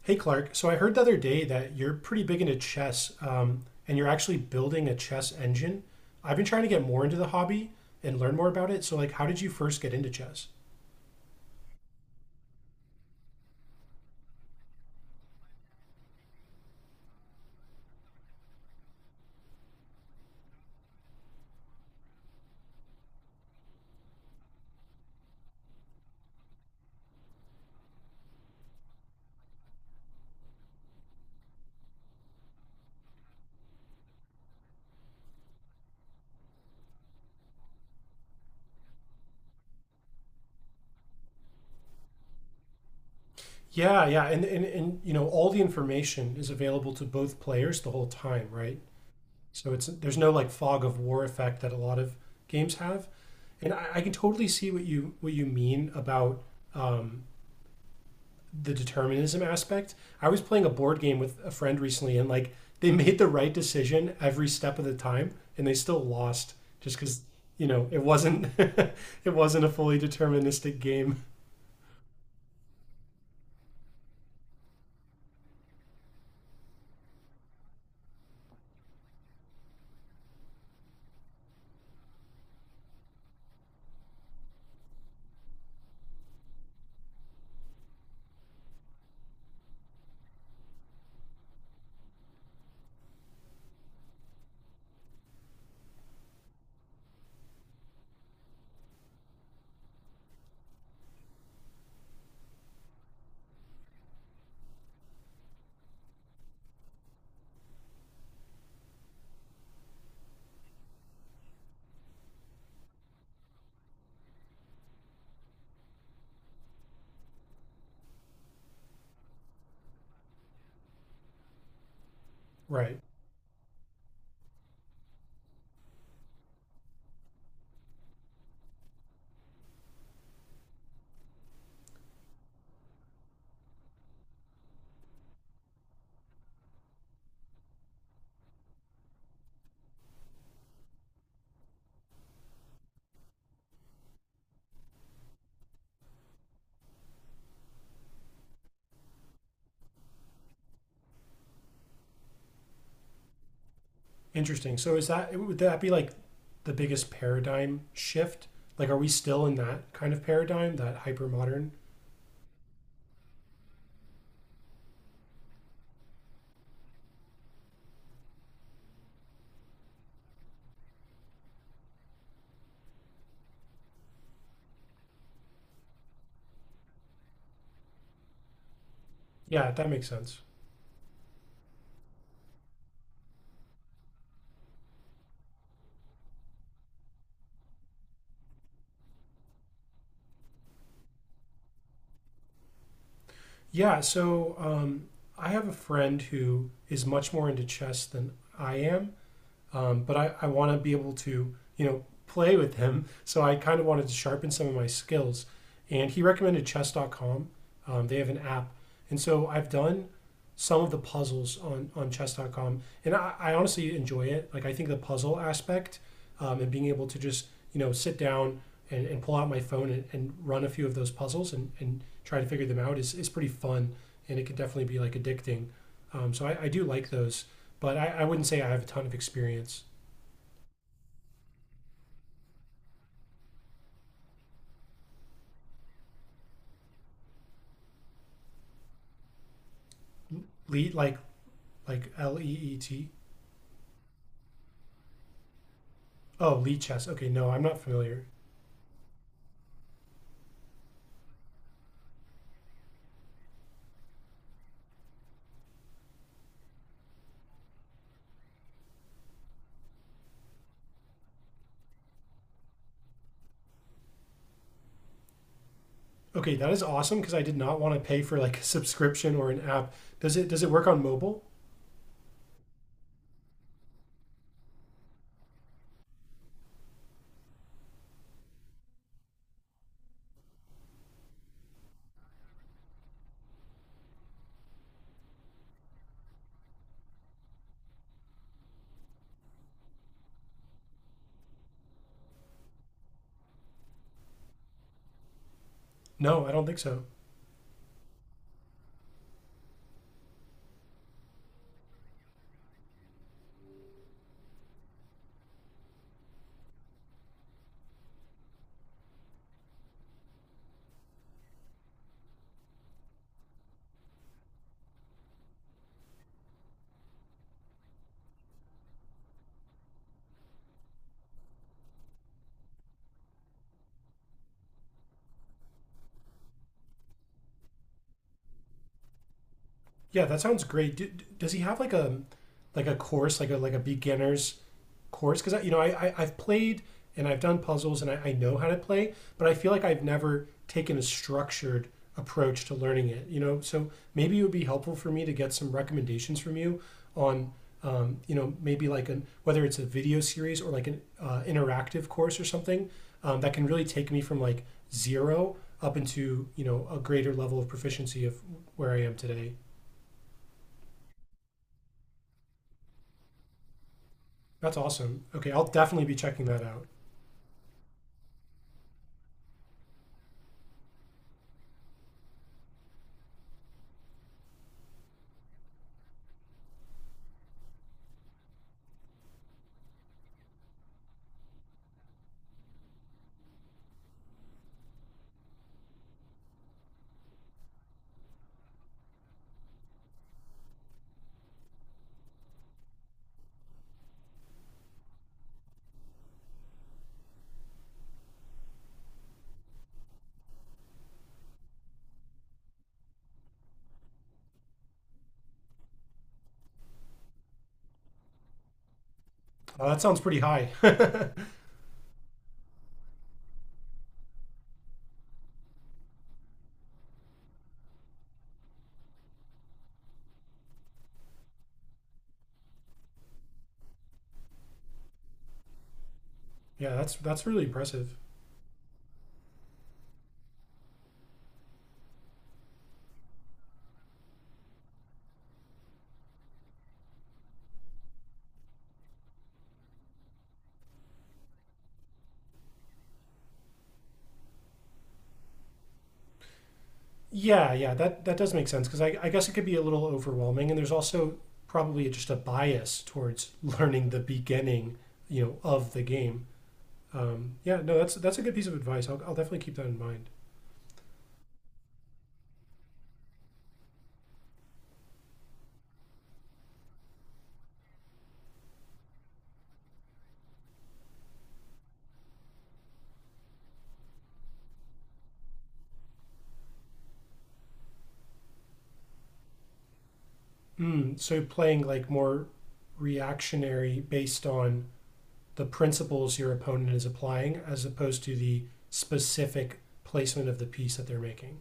Hey Clark, so I heard the other day that you're pretty big into chess, and you're actually building a chess engine. I've been trying to get more into the hobby and learn more about it. So, like, how did you first get into chess? Yeah, yeah, and you know, all the information is available to both players the whole time, right? So it's there's no like fog of war effect that a lot of games have, and I can totally see what you mean about um, the determinism aspect. I was playing a board game with a friend recently, and like they made the right decision every step of the time, and they still lost just because you know it wasn't it wasn't a fully deterministic game. Right. Interesting. So is that would that be like the biggest paradigm shift? Like, are we still in that kind of paradigm, that hyper modern? Yeah, that makes sense. Yeah. I have a friend who is much more into chess than I am. But I want to be able to, you know, play with him. So I kind of wanted to sharpen some of my skills. And he recommended chess.com. They have an app. And so I've done some of the puzzles on chess.com. And I honestly enjoy it. Like, I think the puzzle aspect and being able to just, you know, sit down and pull out my phone and run a few of those puzzles and try to figure them out is pretty fun. And it could definitely be like addicting. So I do like those, but I wouldn't say I have a ton of experience. Lead like LEET. Oh, lead chess. Okay, no, I'm not familiar. Okay, that is awesome because I did not want to pay for like a subscription or an app. Does it work on mobile? No, I don't think so. Yeah, that sounds great. Do, does he have like a course like a beginners course, because you know I've played and I've done puzzles and I know how to play, but I feel like I've never taken a structured approach to learning it. You know, so maybe it would be helpful for me to get some recommendations from you on you know maybe like an whether it's a video series or like an interactive course or something that can really take me from like zero up into you know a greater level of proficiency of where I am today. That's awesome. Okay, I'll definitely be checking that out. That sounds pretty high. Yeah, that's really impressive. Yeah, yeah, that that does make sense because I guess it could be a little overwhelming, and there's also probably just a bias towards learning the beginning, you know, of the game. Yeah, no, that's a good piece of advice. I'll definitely keep that in mind. Mm, so playing like more reactionary based on the principles your opponent is applying, as opposed to the specific placement of the piece that they're making.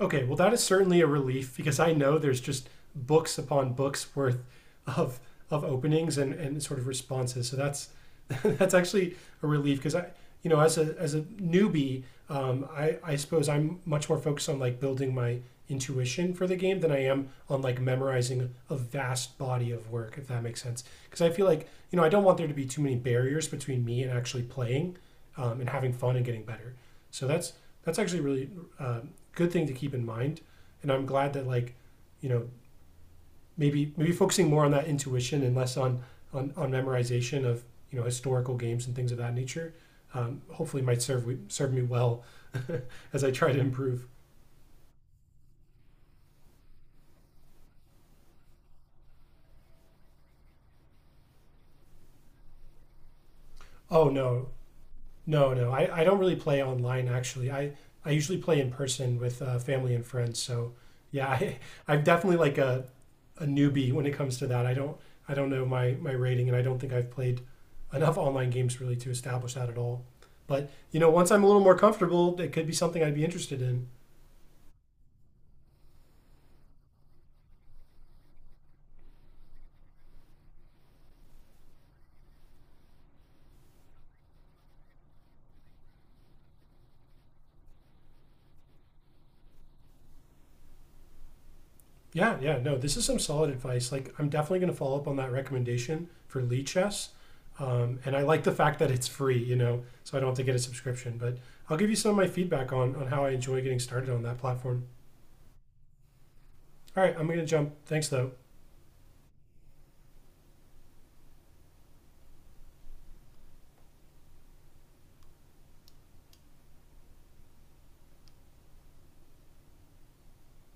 Okay, well, that is certainly a relief because I know there's just books upon books worth of of openings and sort of responses. So that's that's actually a relief because I, you know, as a newbie, I suppose I'm much more focused on like building my intuition for the game than I am on like memorizing a vast body of work. If that makes sense, because I feel like you know I don't want there to be too many barriers between me and actually playing and having fun and getting better. So that's actually really uh, good thing to keep in mind. And I'm glad that like, you know, maybe maybe focusing more on that intuition and less on memorization of you know historical games and things of that nature. Hopefully, might serve serve me well as I try to improve. Oh no. No, no, I don't really play online actually. I usually play in person with family and friends. So yeah, I, I'm definitely like a newbie when it comes to that. I don't know my rating, and I don't think I've played enough online games really to establish that at all. But you know, once I'm a little more comfortable, it could be something I'd be interested in. Yeah, yeah, no, this is some solid advice. Like, I'm definitely going to follow up on that recommendation for Lee Chess. And I like the fact that it's free, you know, so I don't have to get a subscription. But I'll give you some of my feedback on how I enjoy getting started on that platform. All right, I'm going to jump. Thanks, though.